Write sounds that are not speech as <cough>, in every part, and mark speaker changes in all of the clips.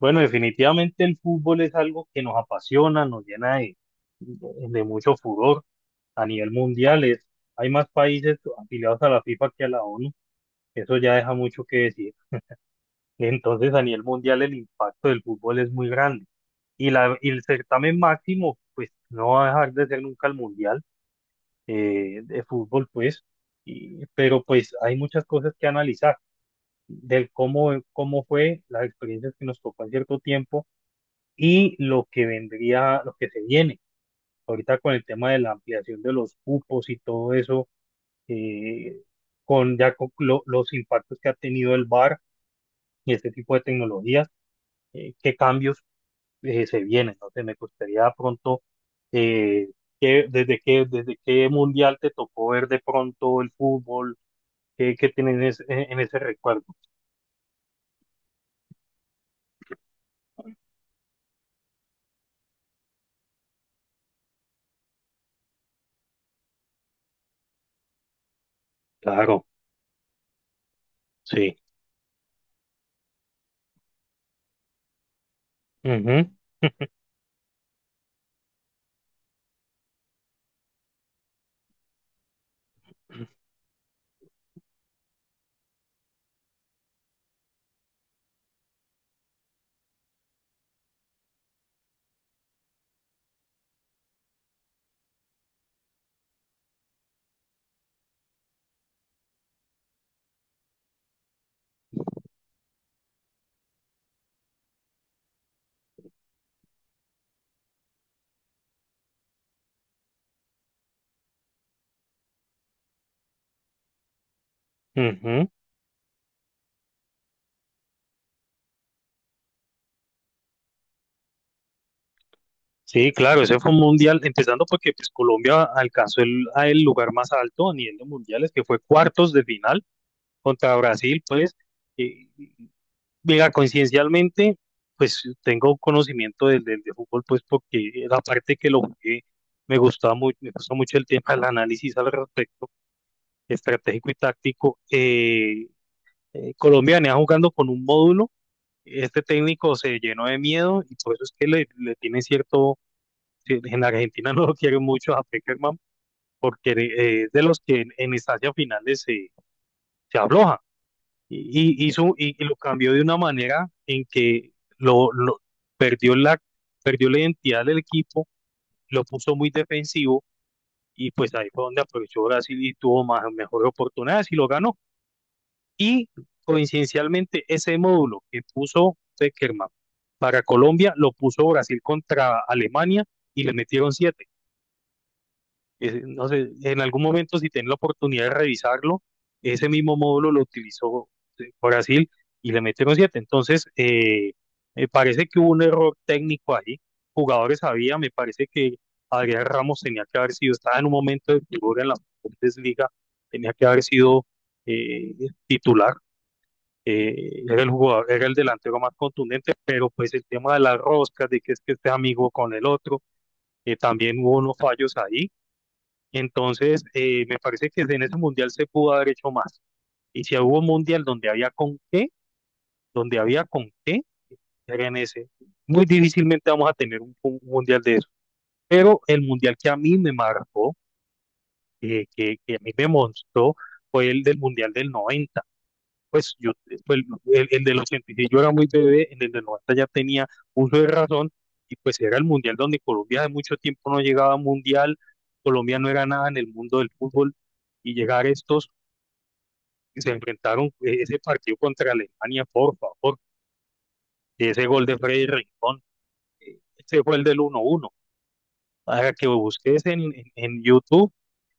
Speaker 1: Bueno, definitivamente el fútbol es algo que nos apasiona, nos llena de mucho furor a nivel mundial. Hay más países afiliados a la FIFA que a la ONU. Eso ya deja mucho que decir. Entonces, a nivel mundial el impacto del fútbol es muy grande. Y el certamen máximo, pues no va a dejar de ser nunca el mundial de fútbol, pues. Pero pues hay muchas cosas que analizar del cómo fue las experiencias que nos tocó en cierto tiempo y lo que vendría, lo que se viene ahorita con el tema de la ampliación de los cupos y todo eso, eh, con los impactos que ha tenido el VAR y este tipo de tecnologías, qué cambios se vienen. No Entonces me gustaría pronto, eh, desde qué mundial te tocó ver de pronto el fútbol, qué tienes en ese recuerdo. Claro, sí. Ujú, ujú. Sí, claro, ese fue un mundial, empezando porque pues, Colombia alcanzó el lugar más alto a nivel de mundiales, que fue cuartos de final contra Brasil, pues, eh, mira, coincidencialmente, pues tengo conocimiento del de fútbol, pues, porque la parte que lo jugué me gustó mucho el tema del análisis al respecto, estratégico y táctico. Colombia venía jugando con un módulo, este técnico se llenó de miedo y por eso es que le tiene cierto sí, en Argentina <laughs> no lo quieren mucho a Peckerman porque es de los que en instancias finales se afloja y hizo, y lo cambió de una manera en que lo perdió la, perdió la identidad del equipo, lo puso muy defensivo y pues ahí fue donde aprovechó Brasil y tuvo más, mejores oportunidades y lo ganó. Y coincidencialmente ese módulo que puso Peckerman para Colombia lo puso Brasil contra Alemania y le metieron siete. Ese, no sé, en algún momento si tienen la oportunidad de revisarlo, ese mismo módulo lo utilizó Brasil y le metieron siete. Entonces, me parece que hubo un error técnico ahí. Jugadores había, me parece que Adrián Ramos tenía que haber sido, estaba en un momento de figura en la Bundesliga, tenía que haber sido eh, titular. Era el jugador, era el delantero más contundente, pero pues el tema de las roscas, de que es que este amigo con el otro, también hubo unos fallos ahí. Entonces, me parece que en ese mundial se pudo haber hecho más. Y si hubo un mundial donde había con qué, donde había con qué, era en ese. Muy difícilmente vamos a tener un mundial de eso. Pero el mundial que a mí me marcó, que a mí me mostró, fue el del mundial del 90. Pues yo, fue el del 80, y yo era muy bebé, en el del 90 ya tenía uso de razón, y pues era el mundial donde Colombia de mucho tiempo no llegaba a mundial, Colombia no era nada en el mundo del fútbol, y llegar estos se enfrentaron ese partido contra Alemania, por favor, ese gol de Freddy Rincón, ese fue el del 1-1, para que busques en YouTube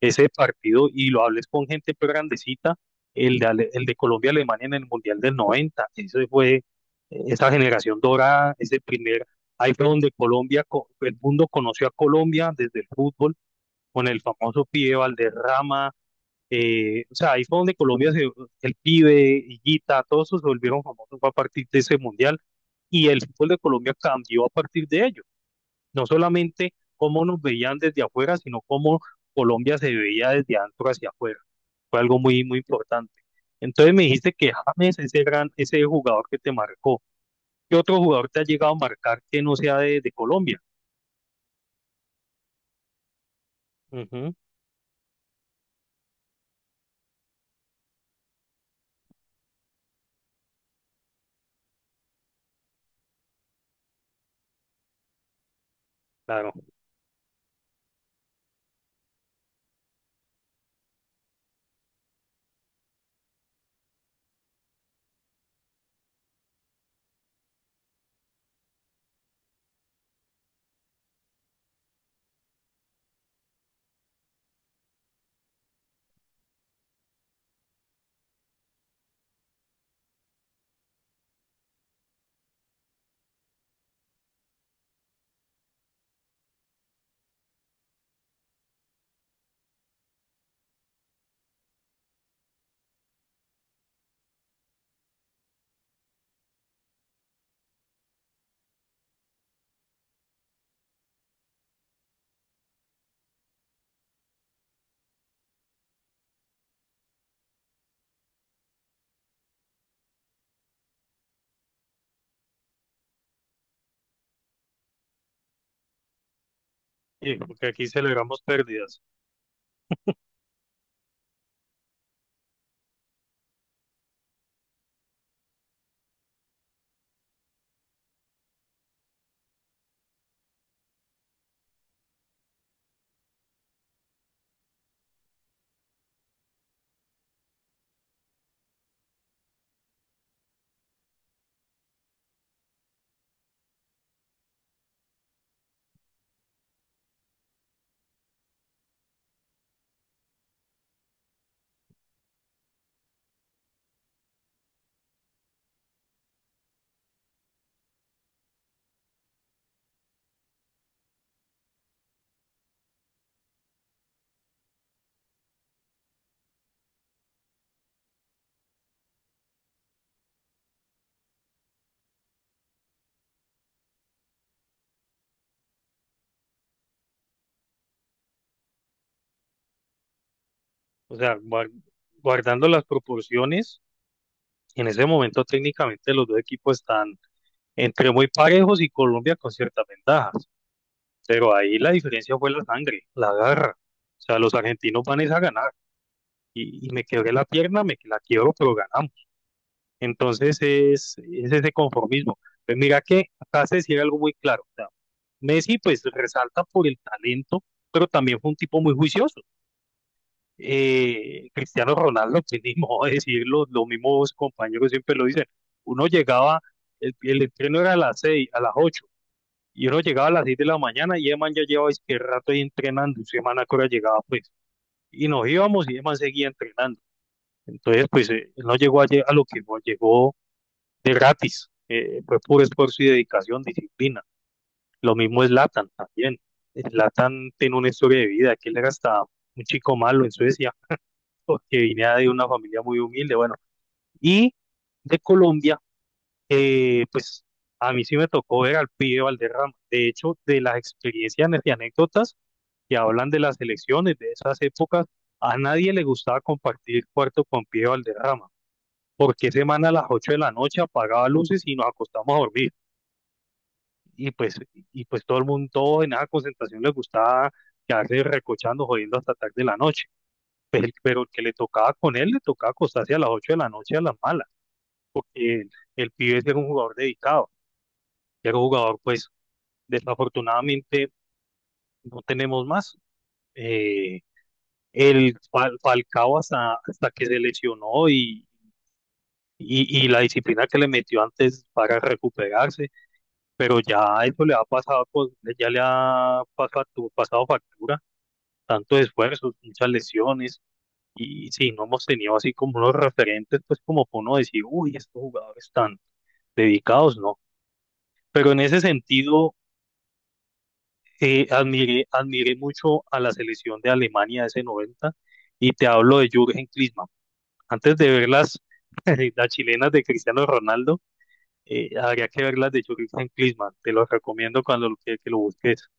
Speaker 1: ese partido y lo hables con gente pero grandecita, el de Colombia-Alemania en el Mundial del 90, ese fue esa generación dorada, ahí fue donde el mundo conoció a Colombia desde el fútbol, con el famoso pibe Valderrama. O sea, ahí fue donde el Pibe, Higuita, todos esos se volvieron famosos a partir de ese mundial y el fútbol de Colombia cambió a partir de ello. No solamente cómo nos veían desde afuera, sino cómo Colombia se veía desde adentro hacia afuera. Fue algo muy, muy importante. Entonces me dijiste que James, ese jugador que te marcó, ¿qué otro jugador te ha llegado a marcar que no sea de Colombia? Ujú, claro. Sí, porque aquí celebramos pérdidas. O sea, guardando las proporciones. En ese momento técnicamente los dos equipos están entre muy parejos y Colombia con ciertas ventajas, pero ahí la diferencia fue la sangre, la garra. O sea, los argentinos van es a ganar y me quebré la pierna, me la quiebro, pero ganamos. Entonces es ese conformismo. Pues mira que acá se decía algo muy claro. O sea, Messi pues resalta por el talento, pero también fue un tipo muy juicioso. Cristiano Ronaldo, que ni modo de decirlo, los mismos compañeros siempre lo dicen, uno llegaba, el entreno era a las seis, a las ocho, y uno llegaba a las seis de la mañana y Eman ya llevaba es que rato ahí entrenando, y semana que hora llegaba pues, y nos íbamos y Eman seguía entrenando, entonces pues él no llegó a lo que no llegó de gratis, fue puro esfuerzo y dedicación, disciplina, lo mismo es Latan también. Latan tiene una historia de vida, que él era hasta un chico malo en Suecia, porque vine de una familia muy humilde, bueno, y de Colombia, pues a mí sí me tocó ver al pibe Valderrama. De hecho, de las experiencias y anécdotas que hablan de las elecciones de esas épocas, a nadie le gustaba compartir cuarto con pibe Valderrama, porque semana a las 8 de la noche apagaba luces y nos acostamos a dormir. Y pues, y pues todo el mundo, todos en esa concentración les gustaba quedarse recochando, jodiendo hasta tarde de la noche. Pero el que le tocaba con él, le tocaba acostarse a las 8 de la noche a las malas, porque el pibe era un jugador dedicado, era un jugador, pues, desafortunadamente no tenemos más. Eh, el Falcao hasta que se lesionó y la disciplina que le metió antes para recuperarse, pero ya eso le ha pasado, pues, ya le ha pasado, pasado factura, tanto esfuerzos, muchas lesiones, y sí, no hemos tenido así como unos referentes, pues como para uno decir, uy, estos jugadores están dedicados, ¿no? Pero en ese sentido, admiré mucho a la selección de Alemania de ese 90 y te hablo de Jürgen Klinsmann. Antes de ver las, <laughs> las chilenas de Cristiano Ronaldo, habría que ver las de Jürgen Klinsmann. Te lo recomiendo que lo busques.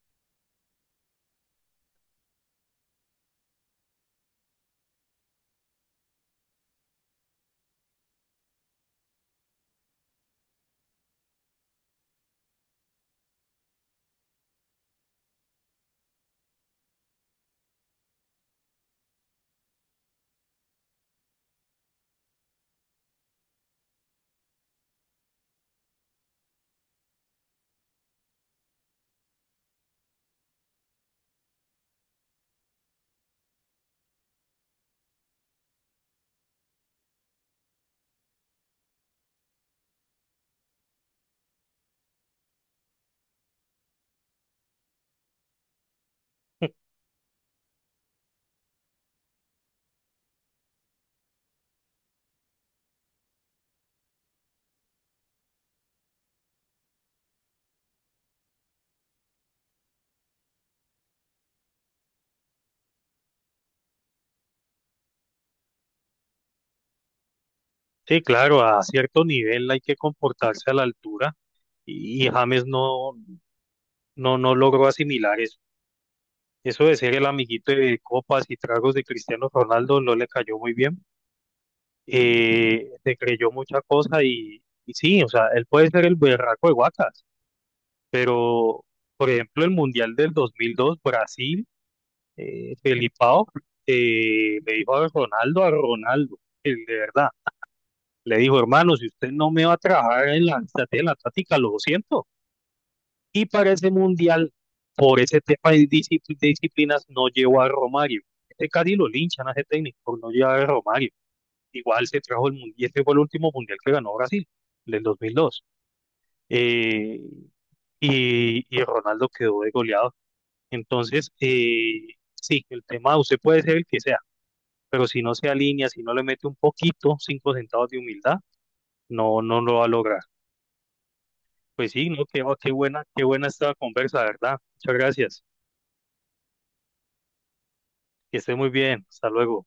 Speaker 1: Sí, claro, a cierto nivel hay que comportarse a la altura y James no logró asimilar eso. Eso de ser el amiguito de copas y tragos de Cristiano Ronaldo no le cayó muy bien. Se creyó mucha cosa y sí, o sea, él puede ser el berraco de Guacas, pero por ejemplo, el Mundial del 2002, Brasil, Felipao le dijo a Ronaldo, el de verdad, le dijo, hermano, si usted no me va a trabajar en la estrategia de la táctica, lo siento. Y para ese Mundial, por ese tema de de disciplinas, no llevó a Romario. Este casi lo linchan a ese técnico por no llevar a Romario. Igual se trajo el mundial, este fue el último mundial que ganó Brasil, del 2002. Eh, y Ronaldo quedó de goleado. Entonces, sí, el tema, usted puede ser el que sea, pero si no se alinea, si no le mete un poquito, 5 centavos de humildad, no lo va a lograr. Pues sí, no, qué buena esta conversa, ¿verdad? Muchas gracias. Que esté muy bien. Hasta luego.